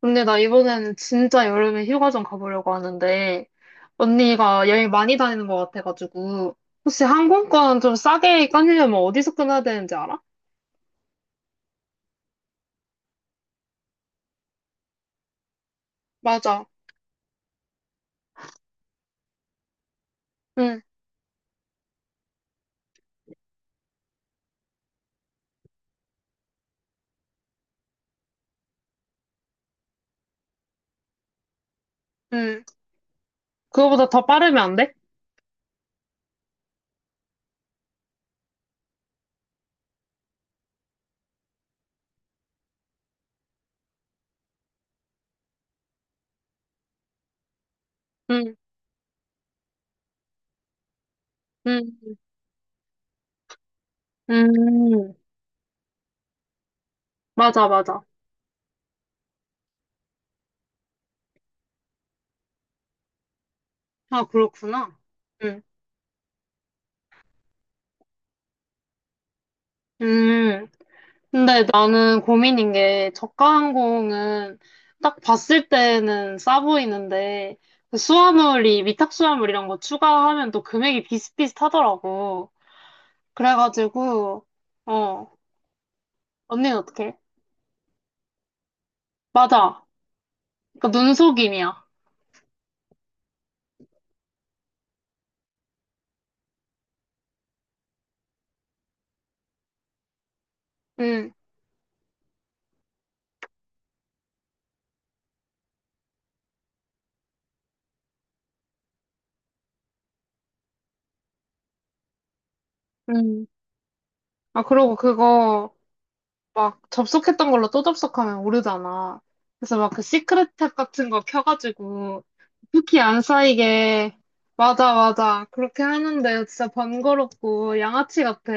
근데 나 이번에는 진짜 여름에 휴가 좀 가보려고 하는데, 언니가 여행 많이 다니는 것 같아가지고, 혹시 항공권 좀 싸게 끊으려면 어디서 끊어야 되는지 알아? 맞아. 응, 응. 그거보다 더 빠르면 안 돼? 응, 응, 음. 맞아, 맞아. 아, 그렇구나. 응, 음. 근데 나는 고민인 게 저가 항공은 딱 봤을 때는 싸 보이는데 그 수화물이 위탁 수화물 이런 거 추가하면 또 금액이 비슷비슷하더라고. 그래가지고 어 언니는 어떻게? 맞아. 그러니까 눈속임이야. 응. 응. 아 그러고 그거 막 접속했던 걸로 또 접속하면 오르잖아. 그래서 막 그 시크릿 탭 같은 거 켜가지고 쿠키 안 쌓이게 맞아 맞아 그렇게 하는데 진짜 번거롭고 양아치 같아.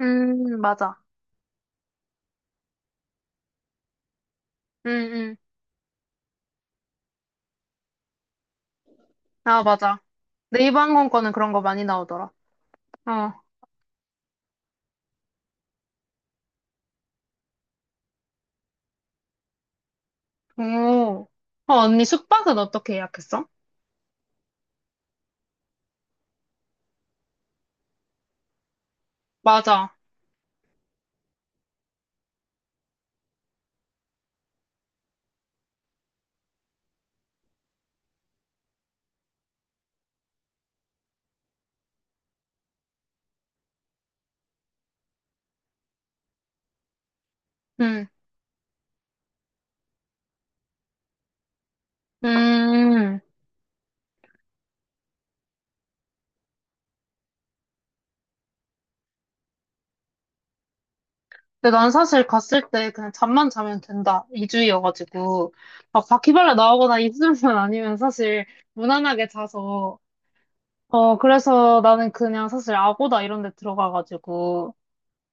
맞아. 응응 아 맞아. 네이버 항공권은 그런 거 많이 나오더라. 어. 오. 어 언니 숙박은 어떻게 예약했어? 맞아. 응. 음. 근데 난 사실 갔을 때 그냥 잠만 자면 된다. 이주이여가지고 막 바퀴벌레 나오거나 입술만 아니면 사실 무난하게 자서. 어, 그래서 나는 그냥 사실 아고다 이런 데 들어가가지고.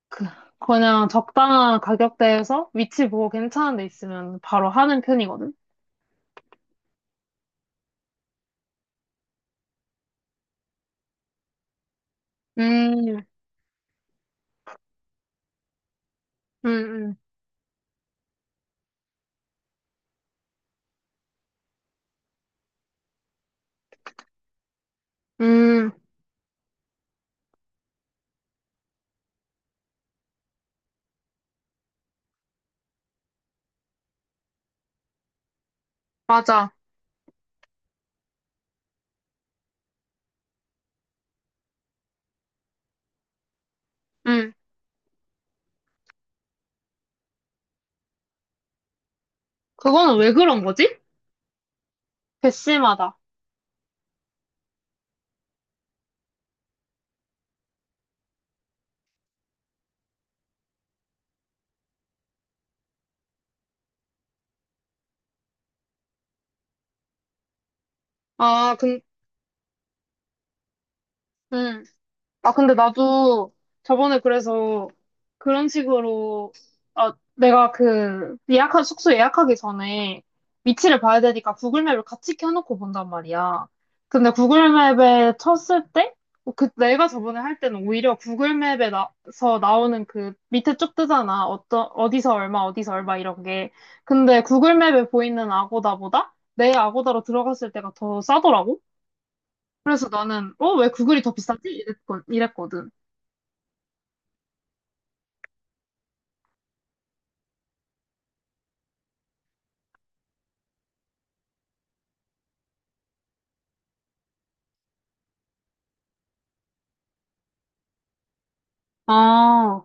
그, 그냥 적당한 가격대에서 위치 보고 괜찮은 데 있으면 바로 하는 편이거든. 음, 음, 음, 음, 맞아. 음. 그거는 왜 그런 거지? 개씨마다. 아, 근, 아, 근데 나도 저번에 그래서 그런 식으로, 아, 내가 그 예약한, 숙소 예약하기 전에 위치를 봐야 되니까 구글맵을 같이 켜놓고 본단 말이야. 근데 구글맵에 쳤을 때, 어, 그 내가 저번에 할 때는 오히려 구글맵에서 나오는 그 밑에 쭉 뜨잖아. 어떤, 어디서 얼마, 어디서 얼마 이런 게. 근데 구글맵에 보이는 아고다보다 내 아고다로 들어갔을 때가 더 싸더라고. 그래서 나는, 어, 왜 구글이 더 비싸지? 이랬거든. 아,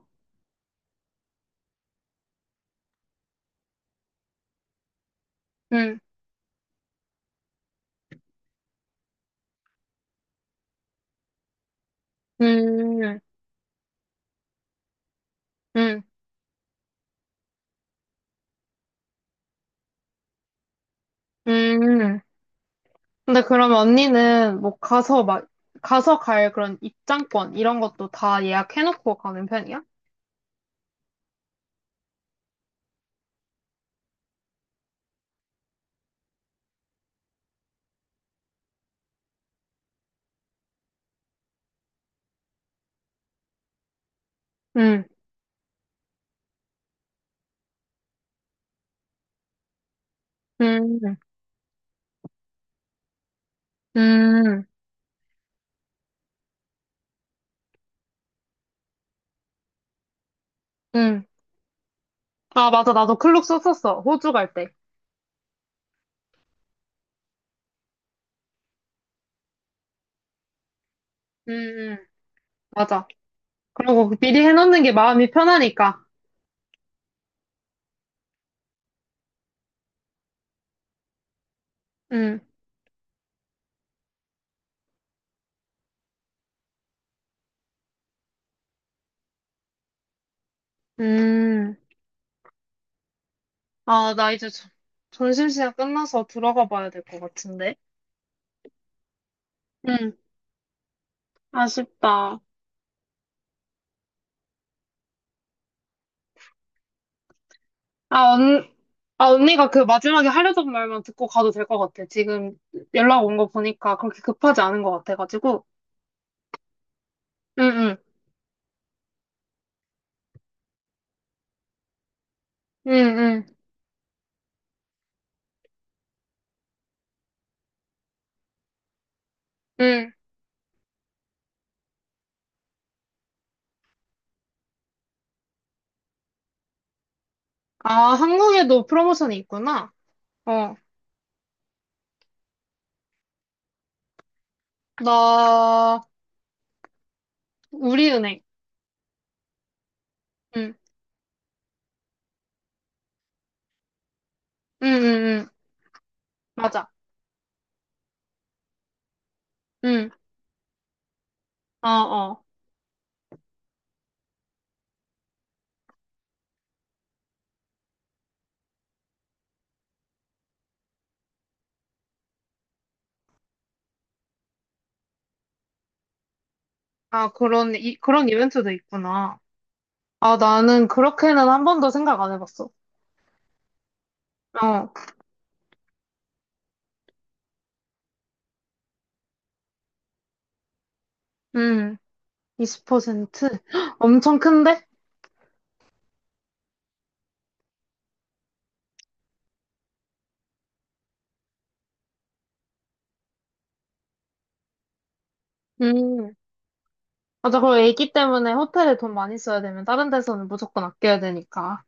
음, 음, 음, 음. 근데 그럼 언니는 뭐 가서 막, 가서 갈 그런 입장권 이런 것도 다 예약해놓고 가는 편이야? 음, 음, 음, 음. 아, 맞아. 나도 클룩 썼었어. 호주 갈 때. 음, 음, 맞아. 그리고 미리 해놓는 게 마음이 편하니까. 음, 음. 아, 나 이제 저- 점심시간 끝나서 들어가 봐야 될 것 같은데. 응, 아쉽다. 아, 언, 아, 언니가 그 마지막에 하려던 말만 듣고 가도 될 것 같아. 지금 연락 온 거 보니까 그렇게 급하지 않은 것 같아가지고. 응, 응, 응, 응, 응. 아, 한국에도 프로모션이 있구나. 어, 나, 우리은행. 응, 응, 응, 응. 맞아. 응, 어, 어. 그런 이벤트도 있구나. 아, 나는 그렇게는 한 번도 생각 안 해봤어. 어, 음, 20%? 엄청 큰데? 음. 맞아, 그리고 애기 때문에 호텔에 돈 많이 써야 되면 다른 데서는 무조건 아껴야 되니까.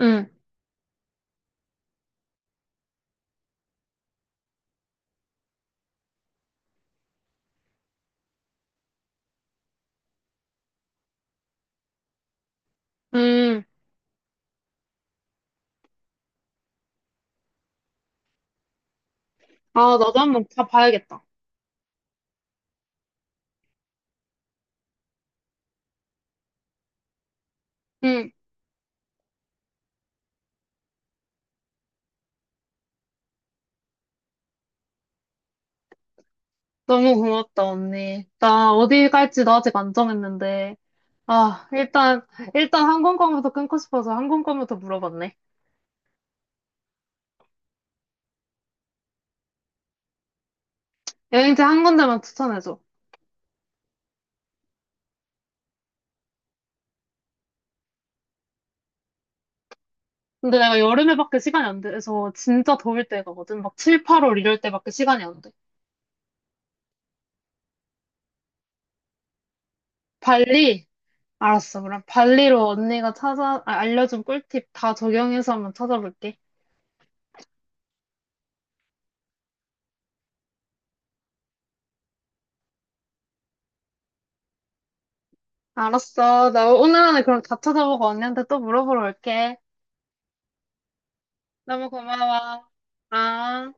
응, 응. 아, 나도 한번 가봐야겠다. 응, 너무 고맙다, 언니. 나 어디 갈지 나 아직 안 정했는데. 아, 일단, 일단 항공권부터 끊고 싶어서 항공권부터 물어봤네. 여행지 한 군데만 추천해줘. 근데 내가 여름에밖에 시간이 안 돼서 진짜 더울 때 가거든. 막 7, 8월 이럴 때밖에 시간이 안 돼. 발리? 알았어. 그럼 발리로 알려준 꿀팁 다 적용해서 한번 찾아볼게. 알았어. 나 오늘 안에 그럼 다 찾아보고 언니한테 또 물어보러 올게. 너무 고마워. 아.